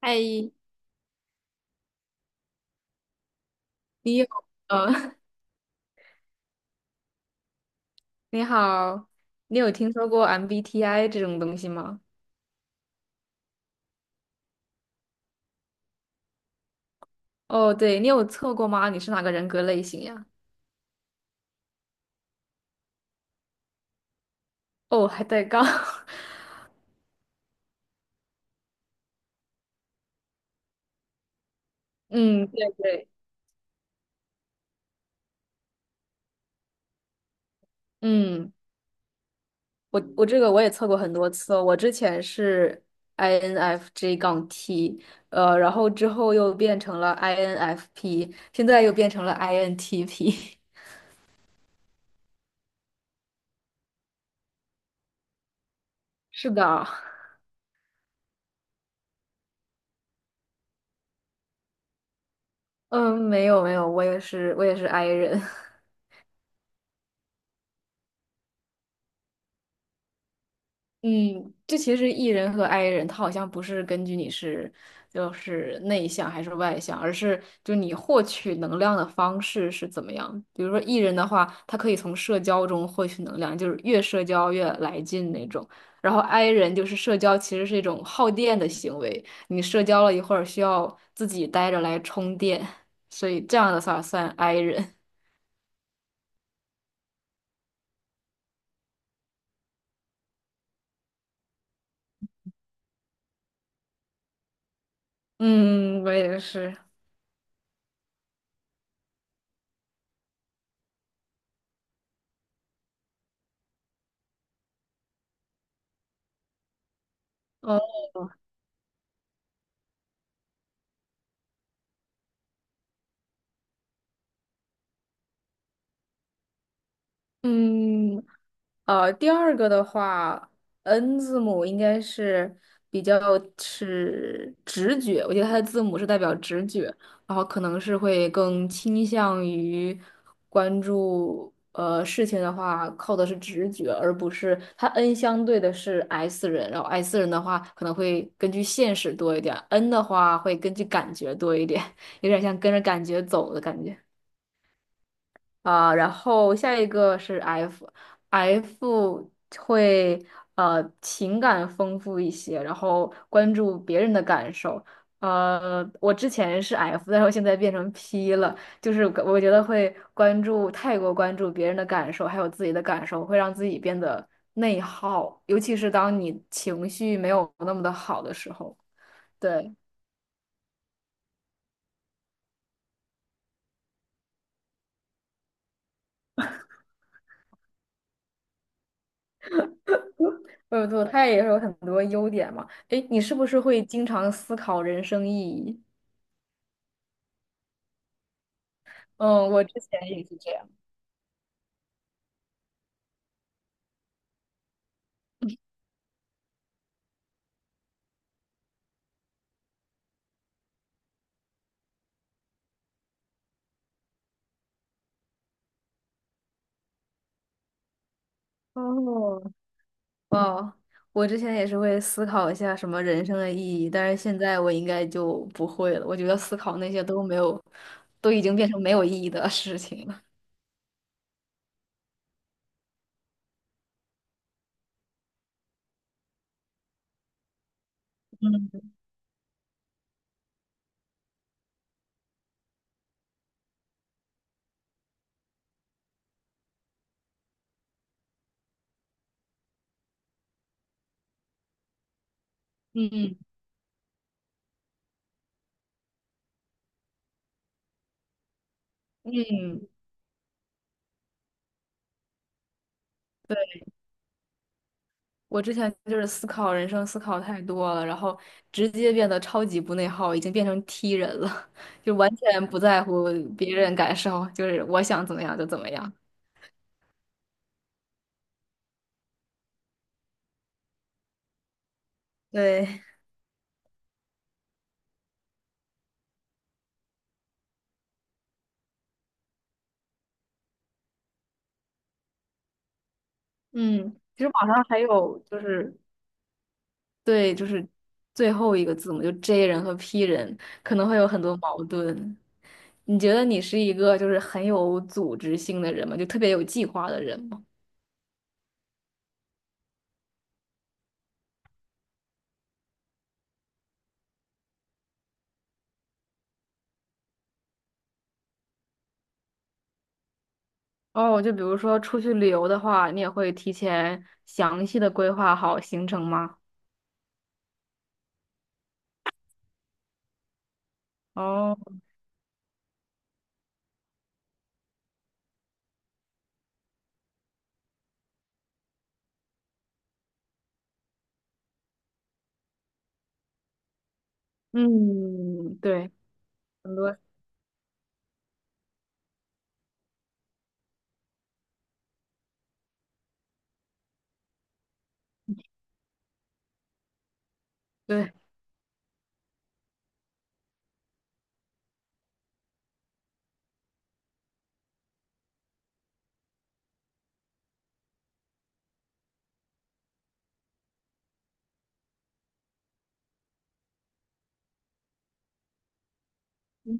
嗨，你有呃，你好，你有听说过 MBTI 这种东西吗？哦，对，你有测过吗？你是哪个人格类型呀？哦，还带杠。嗯，对对。嗯，我这个我也测过很多次哦，我之前是 INFJ 杠 T。然后之后又变成了 INFP，现在又变成了 INTP。是的。嗯，没有没有，我也是 I 人。嗯，这其实 E 人和 I 人，他好像不是根据你是就是内向还是外向，而是就你获取能量的方式是怎么样。比如说 E 人的话，他可以从社交中获取能量，就是越社交越来劲那种。然后 I 人就是社交其实是一种耗电的行为，你社交了一会儿需要自己待着来充电，所以这样的话算 I 人。嗯，我也是。哦。嗯，第二个的话，N 字母应该是比较是直觉，我觉得它的字母是代表直觉，然后可能是会更倾向于关注事情的话，靠的是直觉，而不是它 N 相对的是 S 人，然后 S 人的话可能会根据现实多一点，N 的话会根据感觉多一点，有点像跟着感觉走的感觉。啊、然后下一个是 F，F 会情感丰富一些，然后关注别人的感受。我之前是 F,但是我现在变成 P 了，就是我觉得会太过关注别人的感受，还有自己的感受，会让自己变得内耗，尤其是当你情绪没有那么的好的时候。对。没有错，它也是有很多优点嘛。诶，你是不是会经常思考人生意义？嗯，我之前也是这样。哦。哇，我之前也是会思考一下什么人生的意义，但是现在我应该就不会了。我觉得思考那些都没有，都已经变成没有意义的 事情了。嗯嗯。嗯。对，我之前就是思考人生，思考太多了，然后直接变得超级不内耗，已经变成 T 人了，就完全不在乎别人感受，就是我想怎么样就怎么样。对。嗯，其实网上还有就是对，就是最后一个字母，就 J 人和 P 人可能会有很多矛盾。你觉得你是一个就是很有组织性的人吗？就特别有计划的人吗？哦，就比如说出去旅游的话，你也会提前详细的规划好行程吗？哦。嗯。对。很多。对 嗯。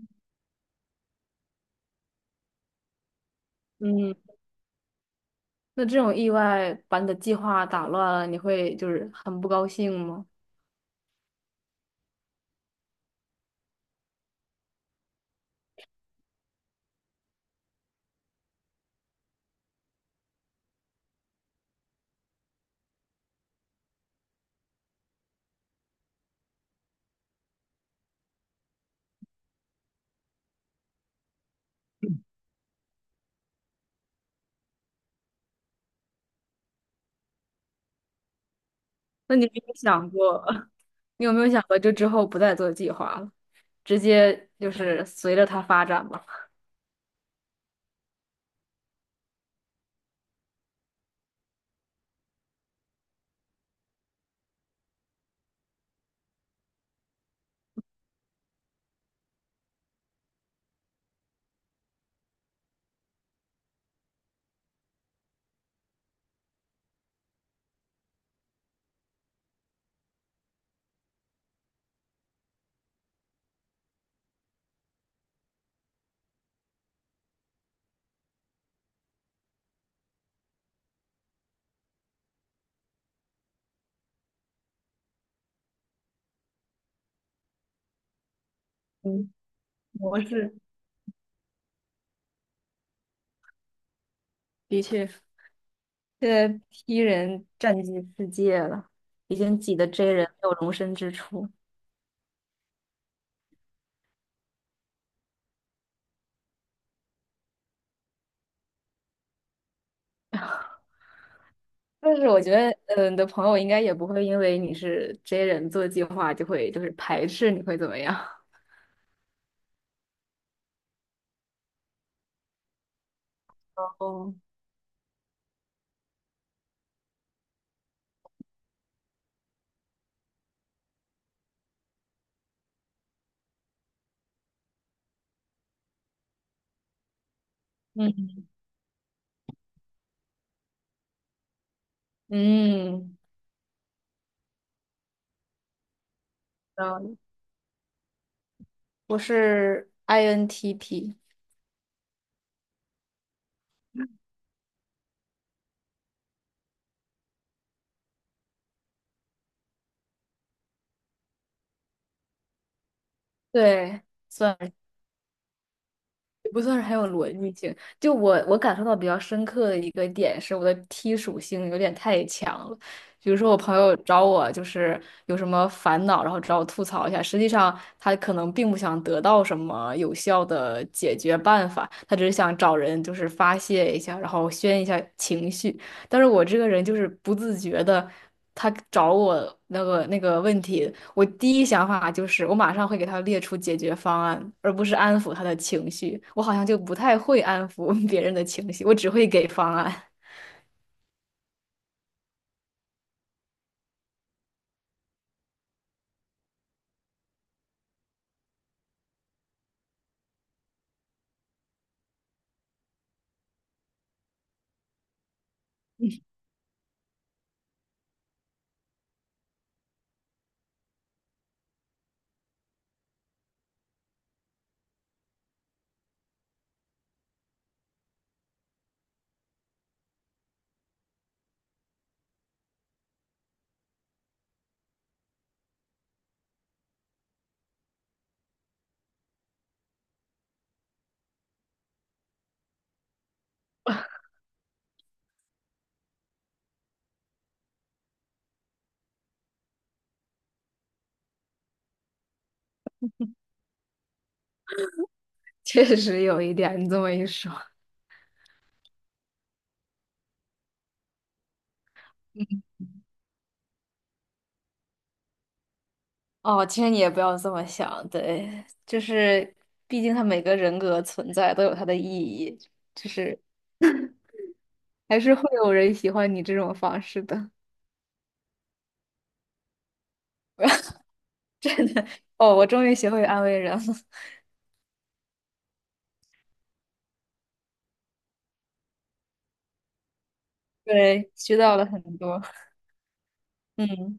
嗯，那这种意外把你的计划打乱了，你会就是很不高兴吗？那你有没有想过，你有没有想过，就之后不再做计划了，直接就是随着它发展吧？嗯，模式的确，现在 P 人占据世界了，已经挤得 J 人没有容身之处。但是我觉得，嗯，你的朋友应该也不会因为你是 J 人做计划就会就是排斥你会怎么样？哦。嗯嗯。嗯，我是 INTP。对。算。就我感受到比较深刻的一个点是，我的 T 属性有点太强了。比如说，我朋友找我就是有什么烦恼，然后找我吐槽一下，实际上他可能并不想得到什么有效的解决办法，他只是想找人就是发泄一下，然后宣一下情绪。但是我这个人就是不自觉的，他找我那个问题，我第一想法就是我马上会给他列出解决方案，而不是安抚他的情绪。我好像就不太会安抚 别人的情绪，我只会给方案。确实有一点，你这么一说。哦，其实你也不要这么想。对，就是毕竟他每个人格存在都有它的意义，就是还是会有人喜欢你这种方式的。哦，我终于学会安慰人了。对，学到了很多。嗯，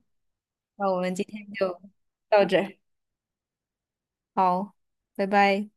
那我们今天就到这儿，好，拜拜。